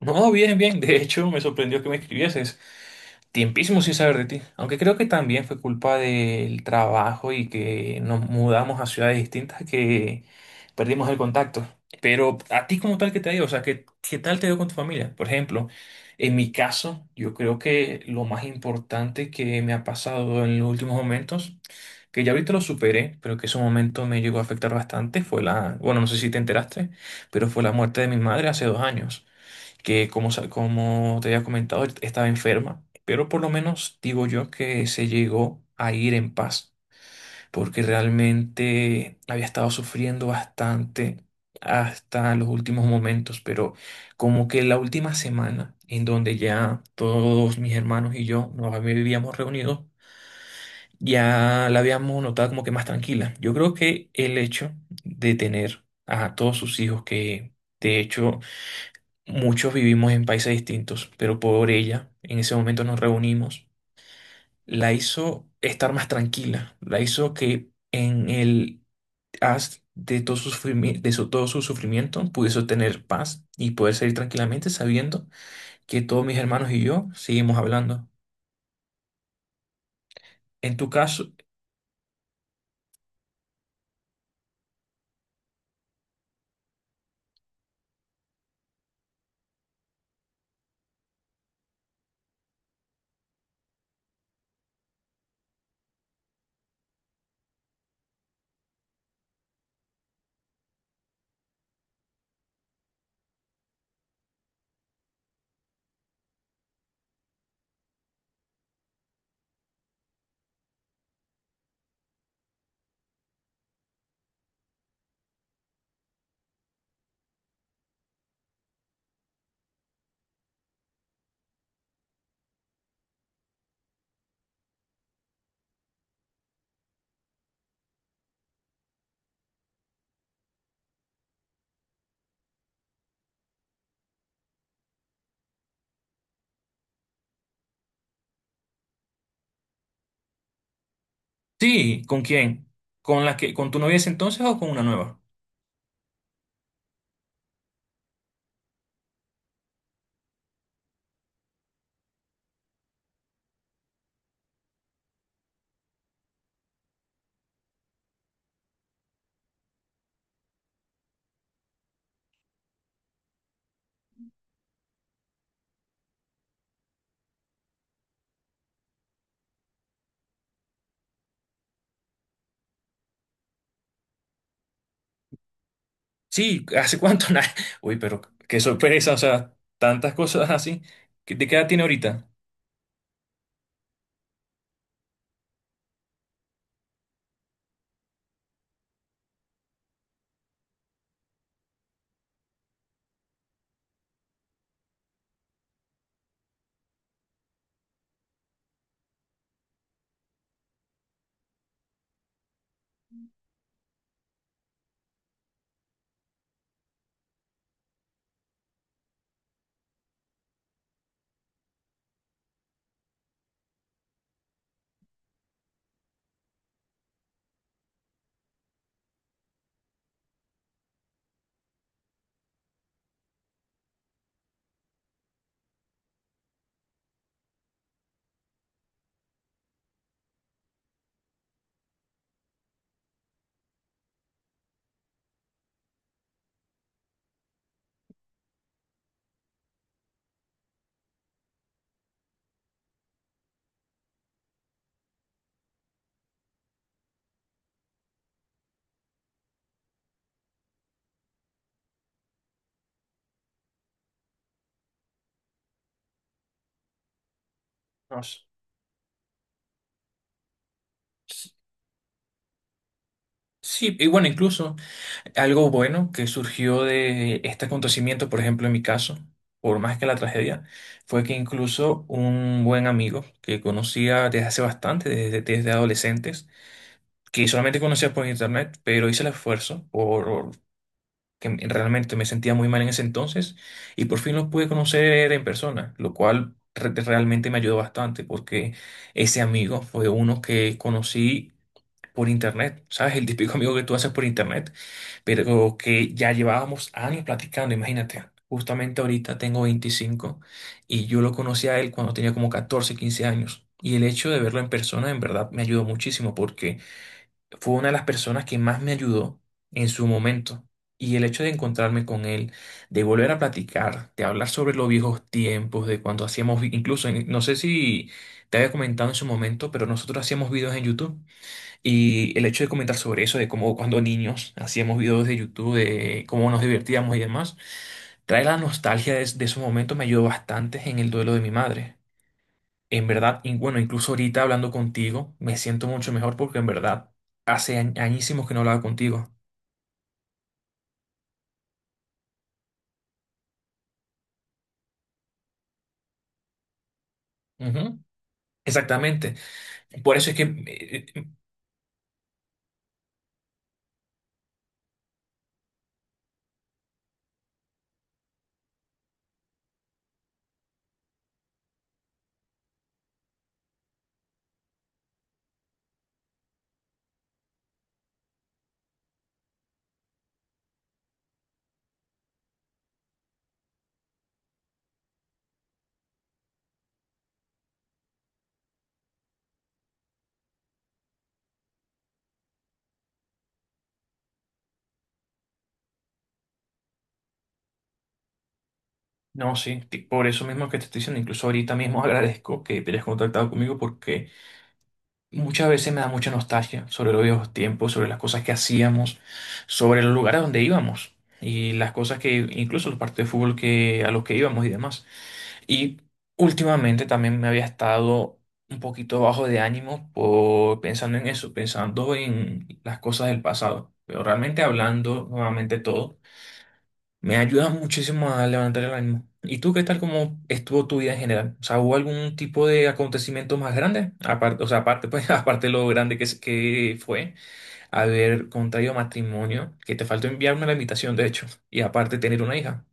No, bien, bien. De hecho, me sorprendió que me escribieses. Tiempísimo sin saber de ti. Aunque creo que también fue culpa del trabajo y que nos mudamos a ciudades distintas que perdimos el contacto. Pero a ti como tal, ¿qué te ha ido? O sea, ¿qué, qué tal te dio con tu familia? Por ejemplo, en mi caso, yo creo que lo más importante que me ha pasado en los últimos momentos, que ya ahorita lo superé, pero que ese momento me llegó a afectar bastante, fue la, bueno, no sé si te enteraste, pero fue la muerte de mi madre hace 2 años que como, como te había comentado, estaba enferma, pero por lo menos digo yo que se llegó a ir en paz, porque realmente había estado sufriendo bastante hasta los últimos momentos, pero como que la última semana en donde ya todos mis hermanos y yo nos habíamos reunido, ya la habíamos notado como que más tranquila. Yo creo que el hecho de tener a todos sus hijos que... De hecho, muchos vivimos en países distintos, pero por ella, en ese momento nos reunimos. La hizo estar más tranquila, la hizo que en el haz de todo su todo su sufrimiento pudiese tener paz y poder salir tranquilamente sabiendo que todos mis hermanos y yo seguimos hablando. En tu caso, sí, ¿con quién? ¿Con la que, con tu novia de ese entonces o con una nueva? Sí, ¿hace cuánto? Nah. Uy, pero qué sorpresa, o sea, tantas cosas así. ¿Qué- ¿De qué edad tiene ahorita? No sé. Sí, y bueno, incluso algo bueno que surgió de este acontecimiento, por ejemplo, en mi caso, por más que la tragedia, fue que incluso un buen amigo que conocía desde hace bastante, desde, desde adolescentes, que solamente conocía por internet, pero hice el esfuerzo por que realmente me sentía muy mal en ese entonces y por fin lo pude conocer en persona, lo cual realmente me ayudó bastante porque ese amigo fue uno que conocí por internet, ¿sabes? El típico amigo que tú haces por internet pero que ya llevábamos años platicando, imagínate. Justamente ahorita tengo 25 y yo lo conocí a él cuando tenía como 14, 15 años. Y el hecho de verlo en persona en verdad me ayudó muchísimo porque fue una de las personas que más me ayudó en su momento. Y el hecho de encontrarme con él, de volver a platicar, de hablar sobre los viejos tiempos, de cuando hacíamos, incluso, no sé si te había comentado en su momento, pero nosotros hacíamos videos en YouTube. Y el hecho de comentar sobre eso, de cómo cuando niños hacíamos videos de YouTube, de cómo nos divertíamos y demás, trae la nostalgia de esos momentos, me ayudó bastante en el duelo de mi madre. En verdad, y bueno, incluso ahorita hablando contigo, me siento mucho mejor porque en verdad hace añísimos que no hablaba contigo. Ujú, exactamente. Por eso es que, no, sí, que por eso mismo que te estoy diciendo, incluso ahorita mismo agradezco que te hayas contactado conmigo porque muchas veces me da mucha nostalgia sobre los viejos tiempos, sobre las cosas que hacíamos, sobre los lugares donde íbamos y las cosas que, incluso los partidos de fútbol que, a los que íbamos y demás. Y últimamente también me había estado un poquito bajo de ánimo por, pensando en eso, pensando en las cosas del pasado. Pero realmente hablando nuevamente todo. Me ayuda muchísimo a levantar el ánimo. ¿Y tú qué tal como estuvo tu vida en general? O sea, ¿hubo algún tipo de acontecimiento más grande? Aparte, o sea, aparte, pues, aparte de lo grande que, que fue haber contraído matrimonio, que te faltó enviarme la invitación, de hecho, y aparte tener una hija.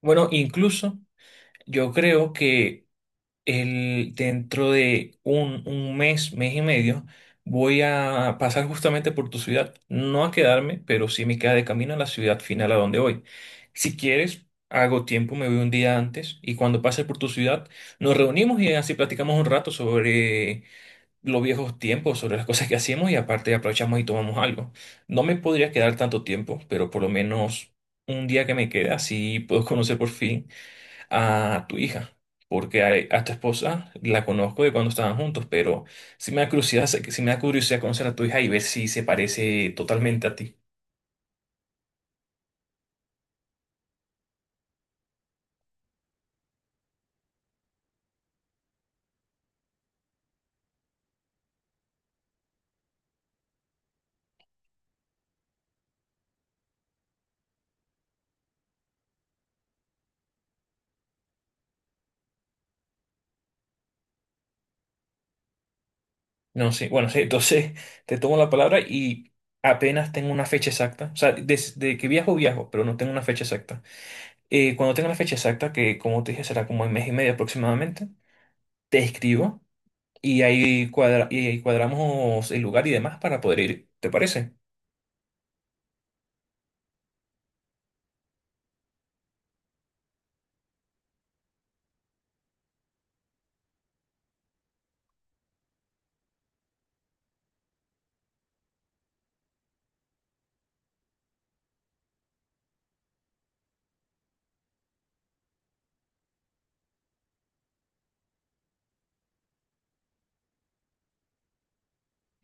Bueno, incluso yo creo que el, dentro de un mes, mes y medio, voy a pasar justamente por tu ciudad. No a quedarme, pero sí me queda de camino a la ciudad final a donde voy. Si quieres, hago tiempo, me voy un día antes y cuando pase por tu ciudad, nos reunimos y así platicamos un rato sobre los viejos tiempos, sobre las cosas que hacíamos y aparte aprovechamos y tomamos algo. No me podría quedar tanto tiempo, pero por lo menos un día que me queda, así puedo conocer por fin a tu hija, porque a tu esposa la conozco de cuando estaban juntos, pero sí me da curiosidad, sí me da curiosidad conocer a tu hija y ver si se parece totalmente a ti. No sé, bueno, sí, entonces te tomo la palabra y apenas tengo una fecha exacta, o sea, desde que viajo, viajo, pero no tengo una fecha exacta. Cuando tenga la fecha exacta, que como te dije será como en mes y medio aproximadamente, te escribo y ahí, y ahí cuadramos el lugar y demás para poder ir. ¿Te parece?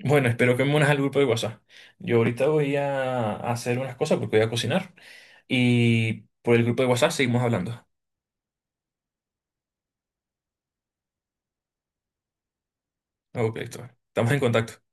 Bueno, espero que me unas al grupo de WhatsApp. Yo ahorita voy a hacer unas cosas porque voy a cocinar. Y por el grupo de WhatsApp seguimos hablando. Ok, listo. Estamos en contacto.